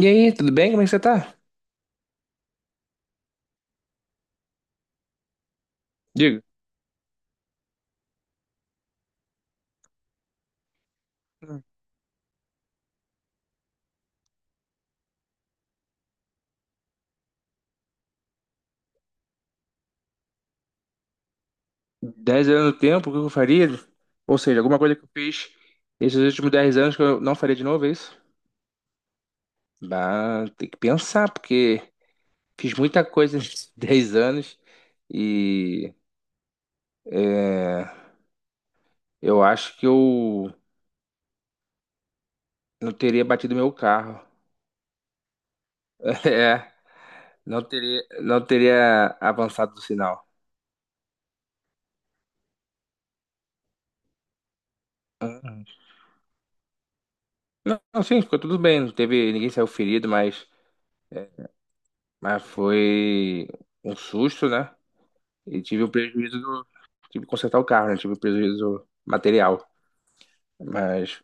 E aí, tudo bem? Como é que você tá? Diga. 10 anos no tempo, o que eu faria? Ou seja, alguma coisa que eu fiz esses últimos 10 anos que eu não faria de novo, é isso? Bah, tem que pensar, porque fiz muita coisa nesses 10 anos e é, eu acho que eu não teria batido meu carro. É, não teria, não teria avançado do sinal. Não, não, sim, ficou tudo bem, não teve, ninguém saiu ferido, mas foi um susto, né? E tive o prejuízo do. Tive que consertar o carro, né? Tive o prejuízo material. Mas.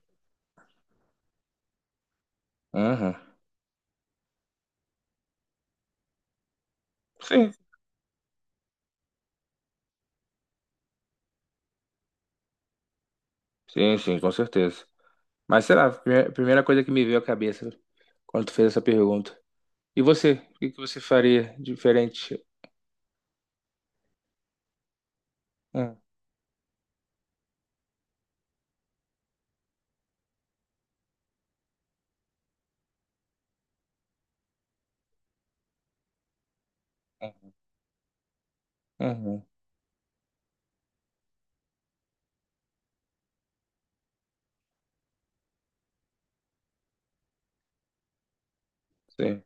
Uhum. Sim, sim, com certeza. Mas sei lá, a primeira coisa que me veio à cabeça quando tu fez essa pergunta. E você? O que que você faria diferente? Uhum, uhum, sim.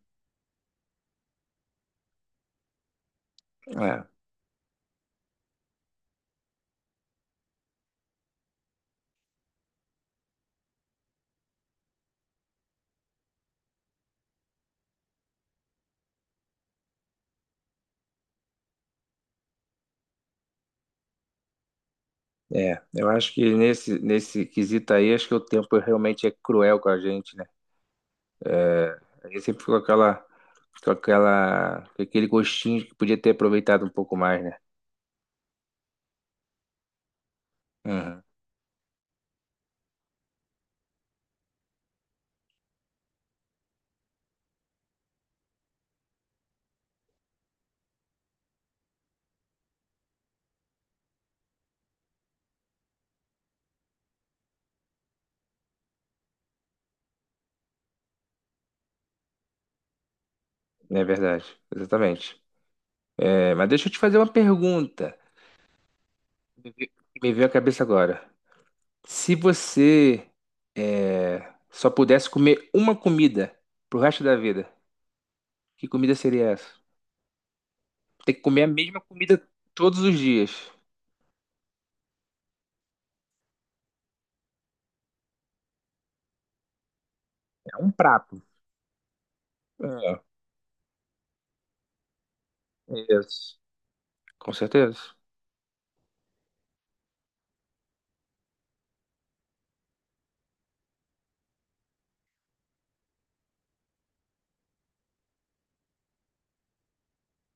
É, é. Eu acho que nesse quesito aí, acho que o tempo realmente é cruel com a gente, né? É, a gente sempre ficou com com aquele gostinho de que podia ter aproveitado um pouco mais, né? Uhum. É verdade, exatamente. É, mas deixa eu te fazer uma pergunta. Me veio Me veio à cabeça agora. Se você só pudesse comer uma comida pro resto da vida, que comida seria essa? Tem que comer a mesma comida todos os dias. É um prato. É, isso. Com certeza.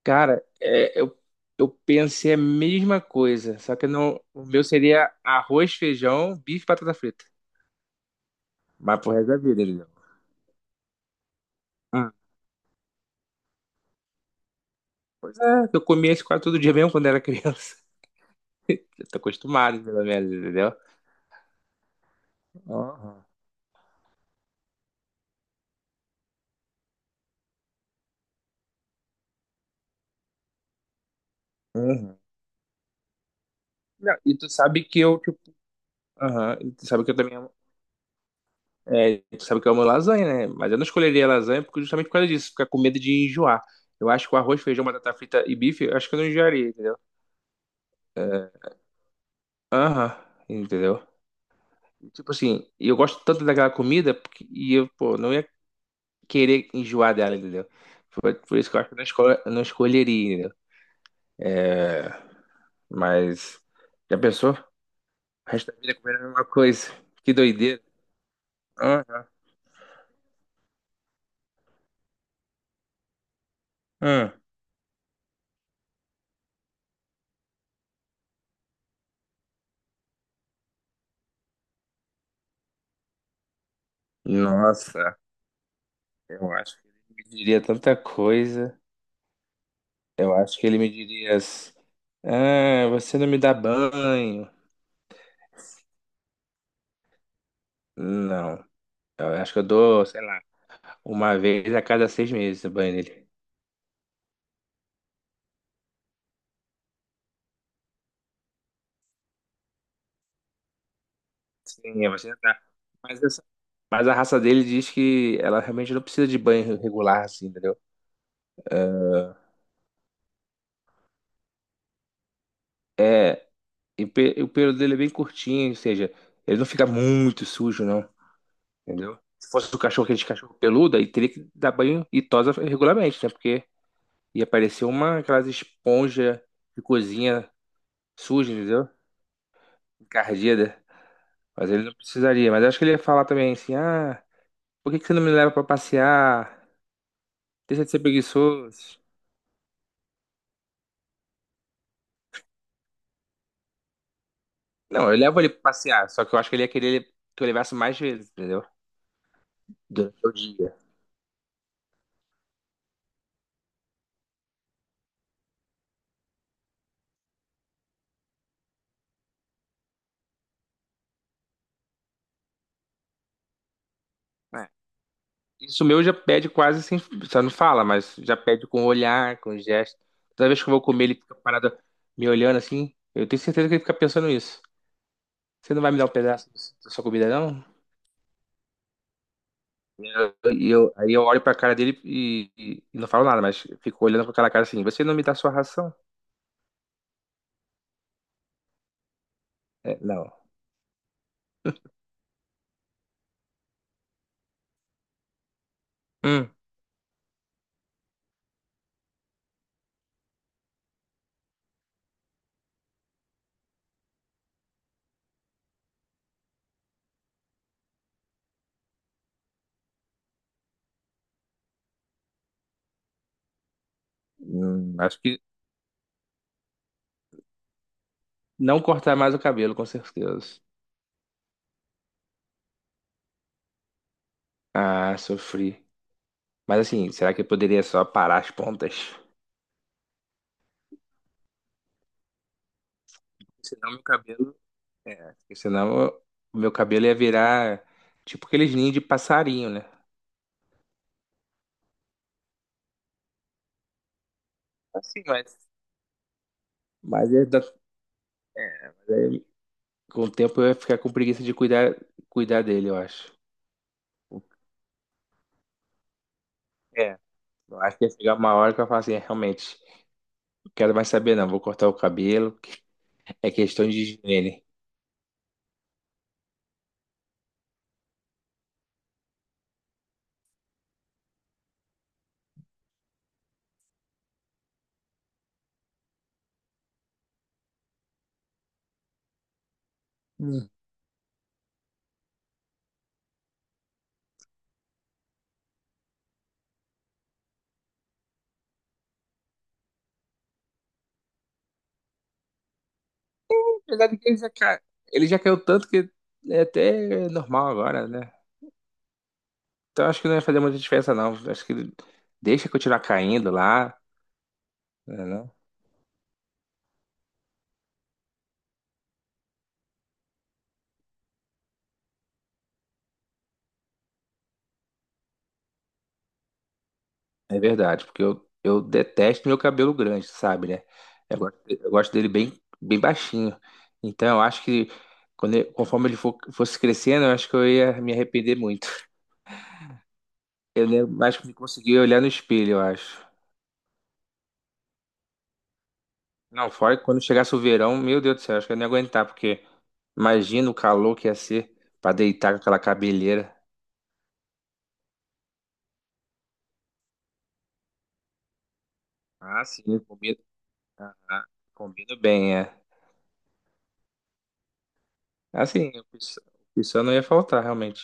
Cara, eu pensei a mesma coisa, só que não, o meu seria arroz, feijão, bife e batata frita. Mas pro resto da vida, entendeu? Pois é, eu comia isso quase todo dia mesmo quando era criança. Eu tô acostumado, pelo menos, entendeu? Aham, aham. Não, e tu sabe que eu, tipo, aham, e tu sabe que eu também amo, tu sabe que eu amo lasanha, né? Mas eu não escolheria lasanha porque justamente por causa disso, ficar com medo de enjoar. Eu acho que o arroz, feijão, batata frita e bife, eu acho que eu não enjoaria, entendeu? É, aham, entendeu? Tipo assim, e eu gosto tanto daquela comida porque, pô, não ia querer enjoar dela, entendeu? Por isso que eu acho que eu não, eu não escolheria, entendeu? É, mas já pensou? O resto da vida comendo a mesma coisa. Que doideira. Ah, ah. Nossa, eu acho que ele me diria tanta coisa. Eu acho que ele me diria assim, ah, você não me dá banho. Não. Eu acho que eu dou, sei lá, uma vez a cada seis meses o banho dele. Sim, você tá. Mas, essa- mas a raça dele diz que ela realmente não precisa de banho regular, assim, entendeu? É, e o pelo dele é bem curtinho, ou seja, ele não fica muito sujo, não, entendeu? Se fosse o cachorro, aquele cachorro peludo, aí teria que dar banho e tosa regularmente, né? Porque ia aparecer aquelas esponja de cozinha suja, entendeu? Encardida. Mas ele não precisaria. Mas eu acho que ele ia falar também assim, ah, por que que você não me leva pra passear? Deixa de ser preguiçoso. Não, eu levo ele pra passear, só que eu acho que ele ia querer que eu levasse mais vezes, entendeu? Durante o dia. É. Isso meu já pede quase sem. Só não fala, mas já pede com olhar, com gesto. Toda vez que eu vou comer, ele fica parado me olhando assim. Eu tenho certeza que ele fica pensando isso. Você não vai me dar um pedaço da sua comida, não? Aí eu olho pra cara dele e não falo nada, mas fico olhando com aquela cara assim: Você não me dá sua ração? É, não. Hum, acho que não cortar mais o cabelo, com certeza. Ah, sofri. Mas assim, será que eu poderia só parar as pontas? Senão meu cabelo. É, porque o meu cabelo ia virar tipo aqueles ninhos de passarinho, né? Assim, mas. Mas é da- é, mas aí com o tempo eu ia ficar com preguiça de cuidar, cuidar dele, eu acho. É, eu acho que ia chegar uma hora que eu falo assim, é, realmente, não quero mais saber não, vou cortar o cabelo, é questão de higiene. Hum. Apesar de que ele já caiu tanto que é até normal agora, né? Então acho que não ia fazer muita diferença não, acho que deixa continuar caindo lá, né, não? É verdade, porque eu detesto meu cabelo grande, sabe, né? Eu gosto dele bem, bem baixinho. Então, eu acho que conforme ele for fosse crescendo, eu acho que eu ia me arrepender muito. Eu nem- acho que me consegui olhar no espelho, eu acho. Não, fora que quando chegasse o verão, meu Deus do céu, acho que eu não ia aguentar, porque imagina o calor que ia ser pra deitar com aquela cabeleira. Ah, sim, combina, ah, ah, combina bem, é. Assim, o pessoal não ia faltar, realmente.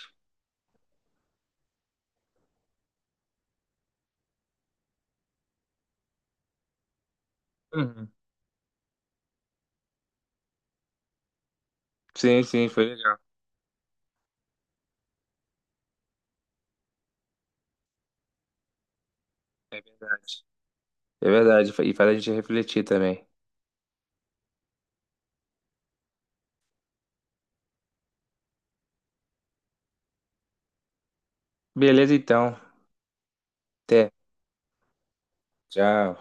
Uhum. Sim, sim, foi legal. É verdade. É verdade. E faz a gente refletir também. Beleza, então. Até. Tchau.